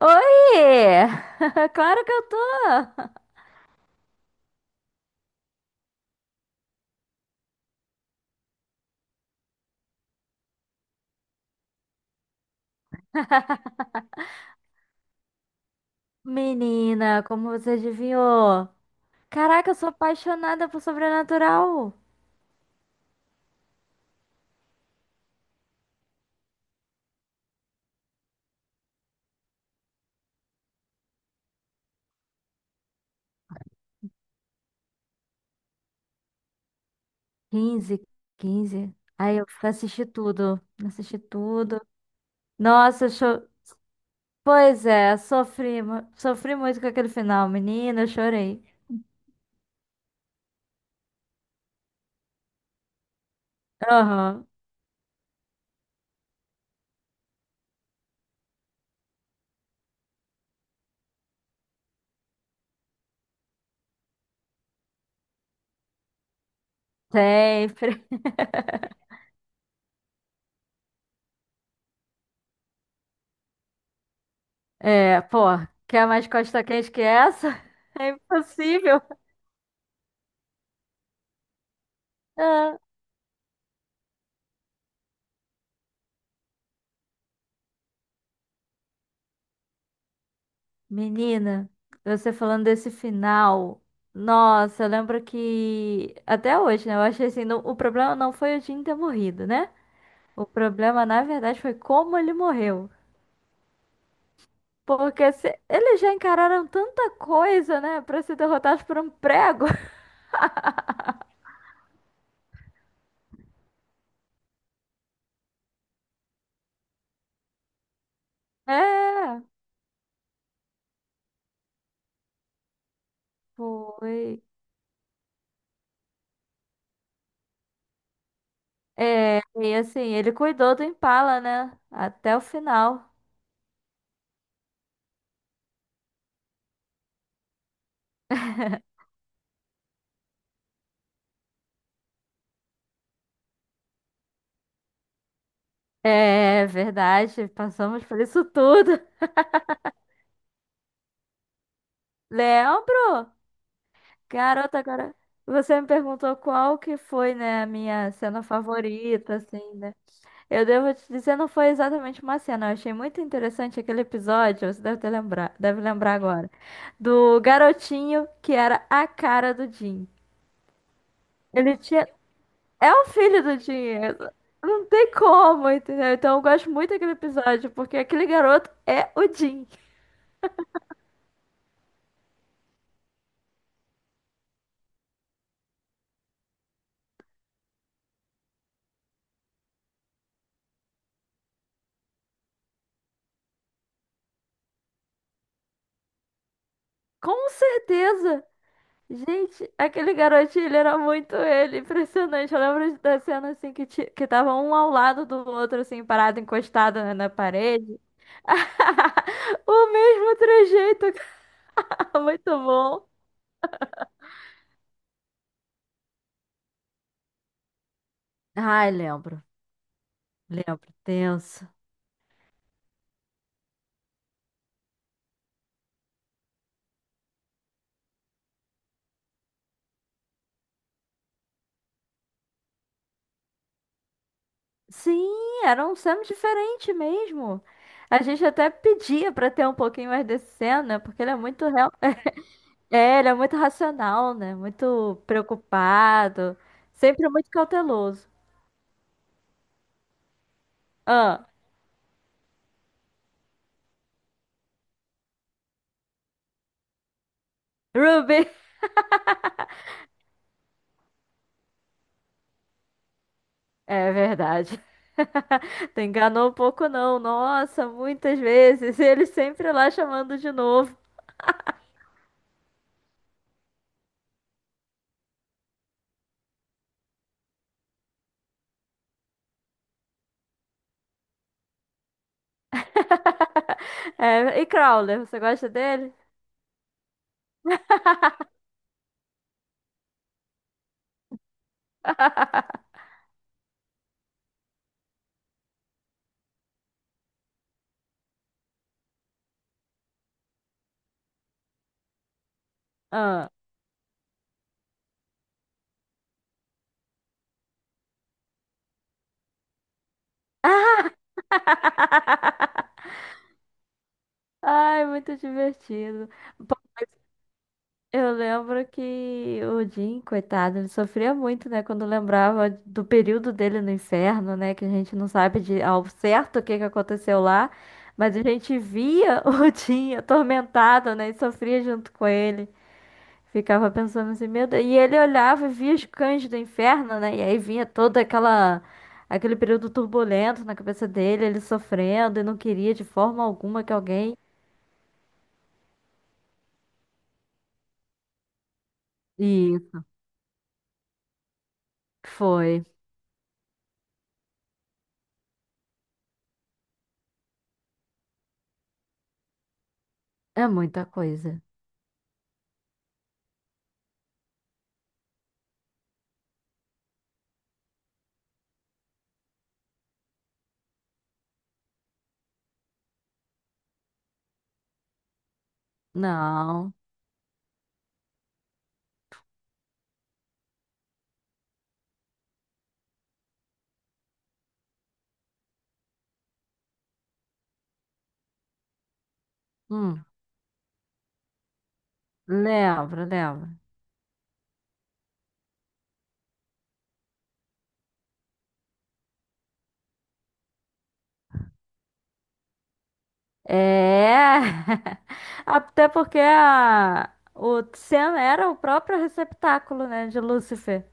Oi! Claro que eu tô! Menina, como você adivinhou? Caraca, eu sou apaixonada por Sobrenatural! Quinze, quinze. Aí eu assisti tudo, assisti tudo. Nossa, cho... pois é, sofri, sofri muito com aquele final, menina, eu chorei. Aham, sempre. É, pô, quer mais costa quente que essa? É impossível. Ah, menina, você falando desse final, nossa, eu lembro que até hoje, né? Eu achei assim, o problema não foi o Jim ter morrido, né? O problema, na verdade, foi como ele morreu. Porque eles já encararam tanta coisa, né? Pra ser derrotados por um prego. É, foi. É, e assim, ele cuidou do Impala, né? Até o final. É verdade, passamos por isso tudo. Lembro? Garota, agora você me perguntou qual que foi, né, a minha cena favorita, assim, né? Eu devo te dizer, não foi exatamente uma cena. Eu achei muito interessante aquele episódio, você deve ter lembrar, deve lembrar agora, do garotinho que era a cara do Jim. Ele tinha. É o filho do Jim. Não tem como, entendeu? Então eu gosto muito daquele episódio, porque aquele garoto é o Jim. Com certeza. Gente, aquele garotinho, ele era muito ele, impressionante. Eu lembro da cena assim que, que tava um ao lado do outro, assim, parado, encostado na parede. O mesmo trejeito. Muito bom. Ai, lembro, lembro, tenso. Sim, era um Sam diferente mesmo. A gente até pedia pra ter um pouquinho mais de cena, né, porque ele é muito real. É, ele é muito racional, né? Muito preocupado, sempre muito cauteloso. Ruby, é verdade. Tu enganou um pouco, não. Nossa, muitas vezes. Ele sempre lá chamando de novo. É, e Crowler, você gosta dele? Ah. Ai, muito divertido. Pô, mas eu lembro que o Jim, coitado, ele sofria muito, né? Quando lembrava do período dele no inferno, né? Que a gente não sabe de ao certo o que que aconteceu lá. Mas a gente via o Jim atormentado, né? E sofria junto com ele. Ficava pensando assim, meu Deus. E ele olhava e via os cães do inferno, né? E aí vinha toda aquela, aquele período turbulento na cabeça dele, ele sofrendo e não queria de forma alguma que alguém. E foi. É muita coisa. Não. Hum, lembro, lembro. É. Até porque a... o Sam era o próprio receptáculo, né, de Lúcifer.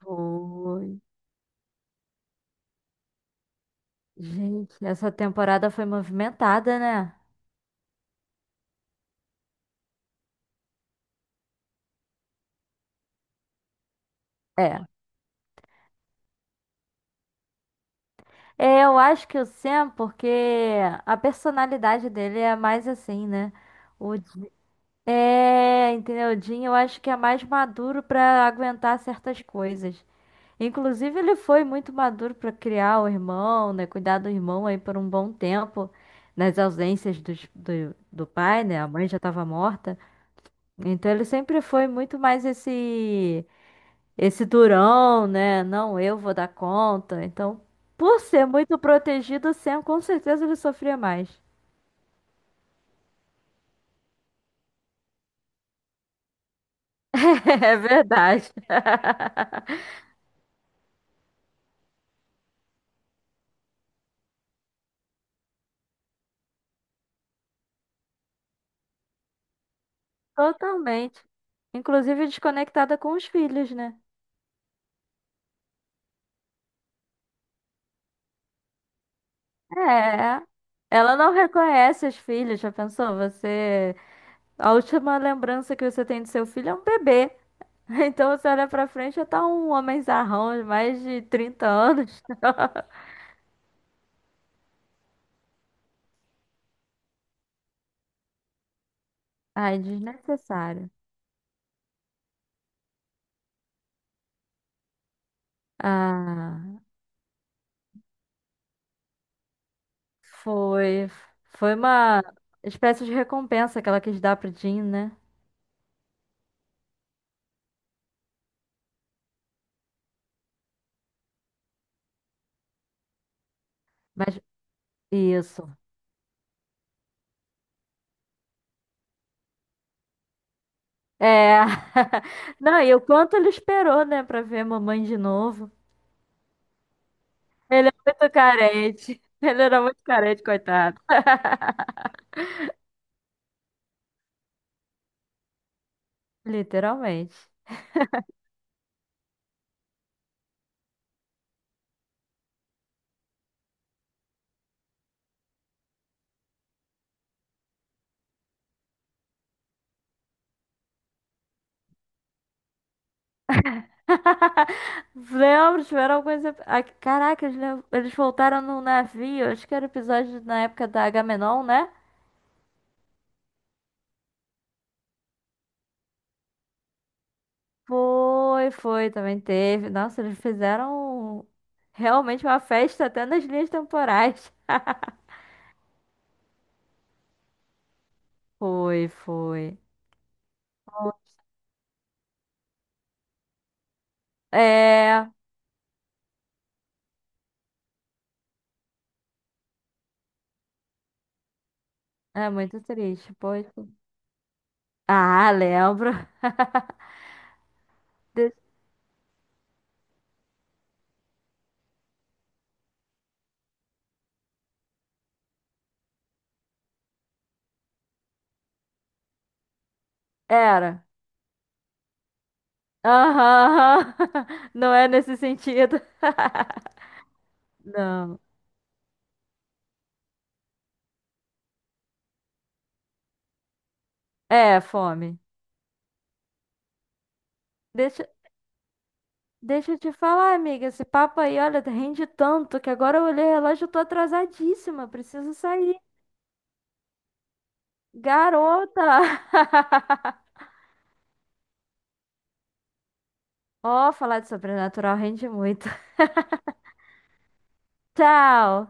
Foi. Gente, essa temporada foi movimentada, né? É. É, eu acho que o Sam, porque a personalidade dele é mais assim, né? O, é, entendeu? O Jim, eu acho que é mais maduro pra aguentar certas coisas. Inclusive, ele foi muito maduro pra criar o irmão, né? Cuidar do irmão aí por um bom tempo, nas ausências do, do pai, né? A mãe já tava morta. Então, ele sempre foi muito mais esse. Esse durão, né? Não, eu vou dar conta. Então, por ser muito protegido, o Sam com certeza ele sofria mais. É verdade. Totalmente. Inclusive desconectada com os filhos, né? É. Ela não reconhece os filhos, já pensou? Você. A última lembrança que você tem do seu filho é um bebê. Então você olha pra frente, já tá um homenzarrão de mais de 30 anos. Ai, desnecessário. Ah. Foi, foi uma espécie de recompensa que ela quis dar pro Jim, né? Mas isso. É. Não, e o quanto ele esperou, né, pra ver a mamãe de novo. Ele é muito carente. Ele era muito carente, coitado. Literalmente. Lembro, tiveram alguns. Ah, caraca, eles, eles voltaram no navio. Acho que era episódio na época da Agamenon, né? Foi, foi, também teve. Nossa, eles fizeram realmente uma festa até nas linhas temporais. Foi, foi. É, é muito triste, pois. Ah, lembro. De- Era. Aham. Não é nesse sentido. Não. É, fome. Deixa, deixa eu te falar, amiga. Esse papo aí, olha, rende tanto que agora eu olhei o relógio e tô atrasadíssima. Preciso sair. Garota! Ó, falar de sobrenatural rende muito. Tchau!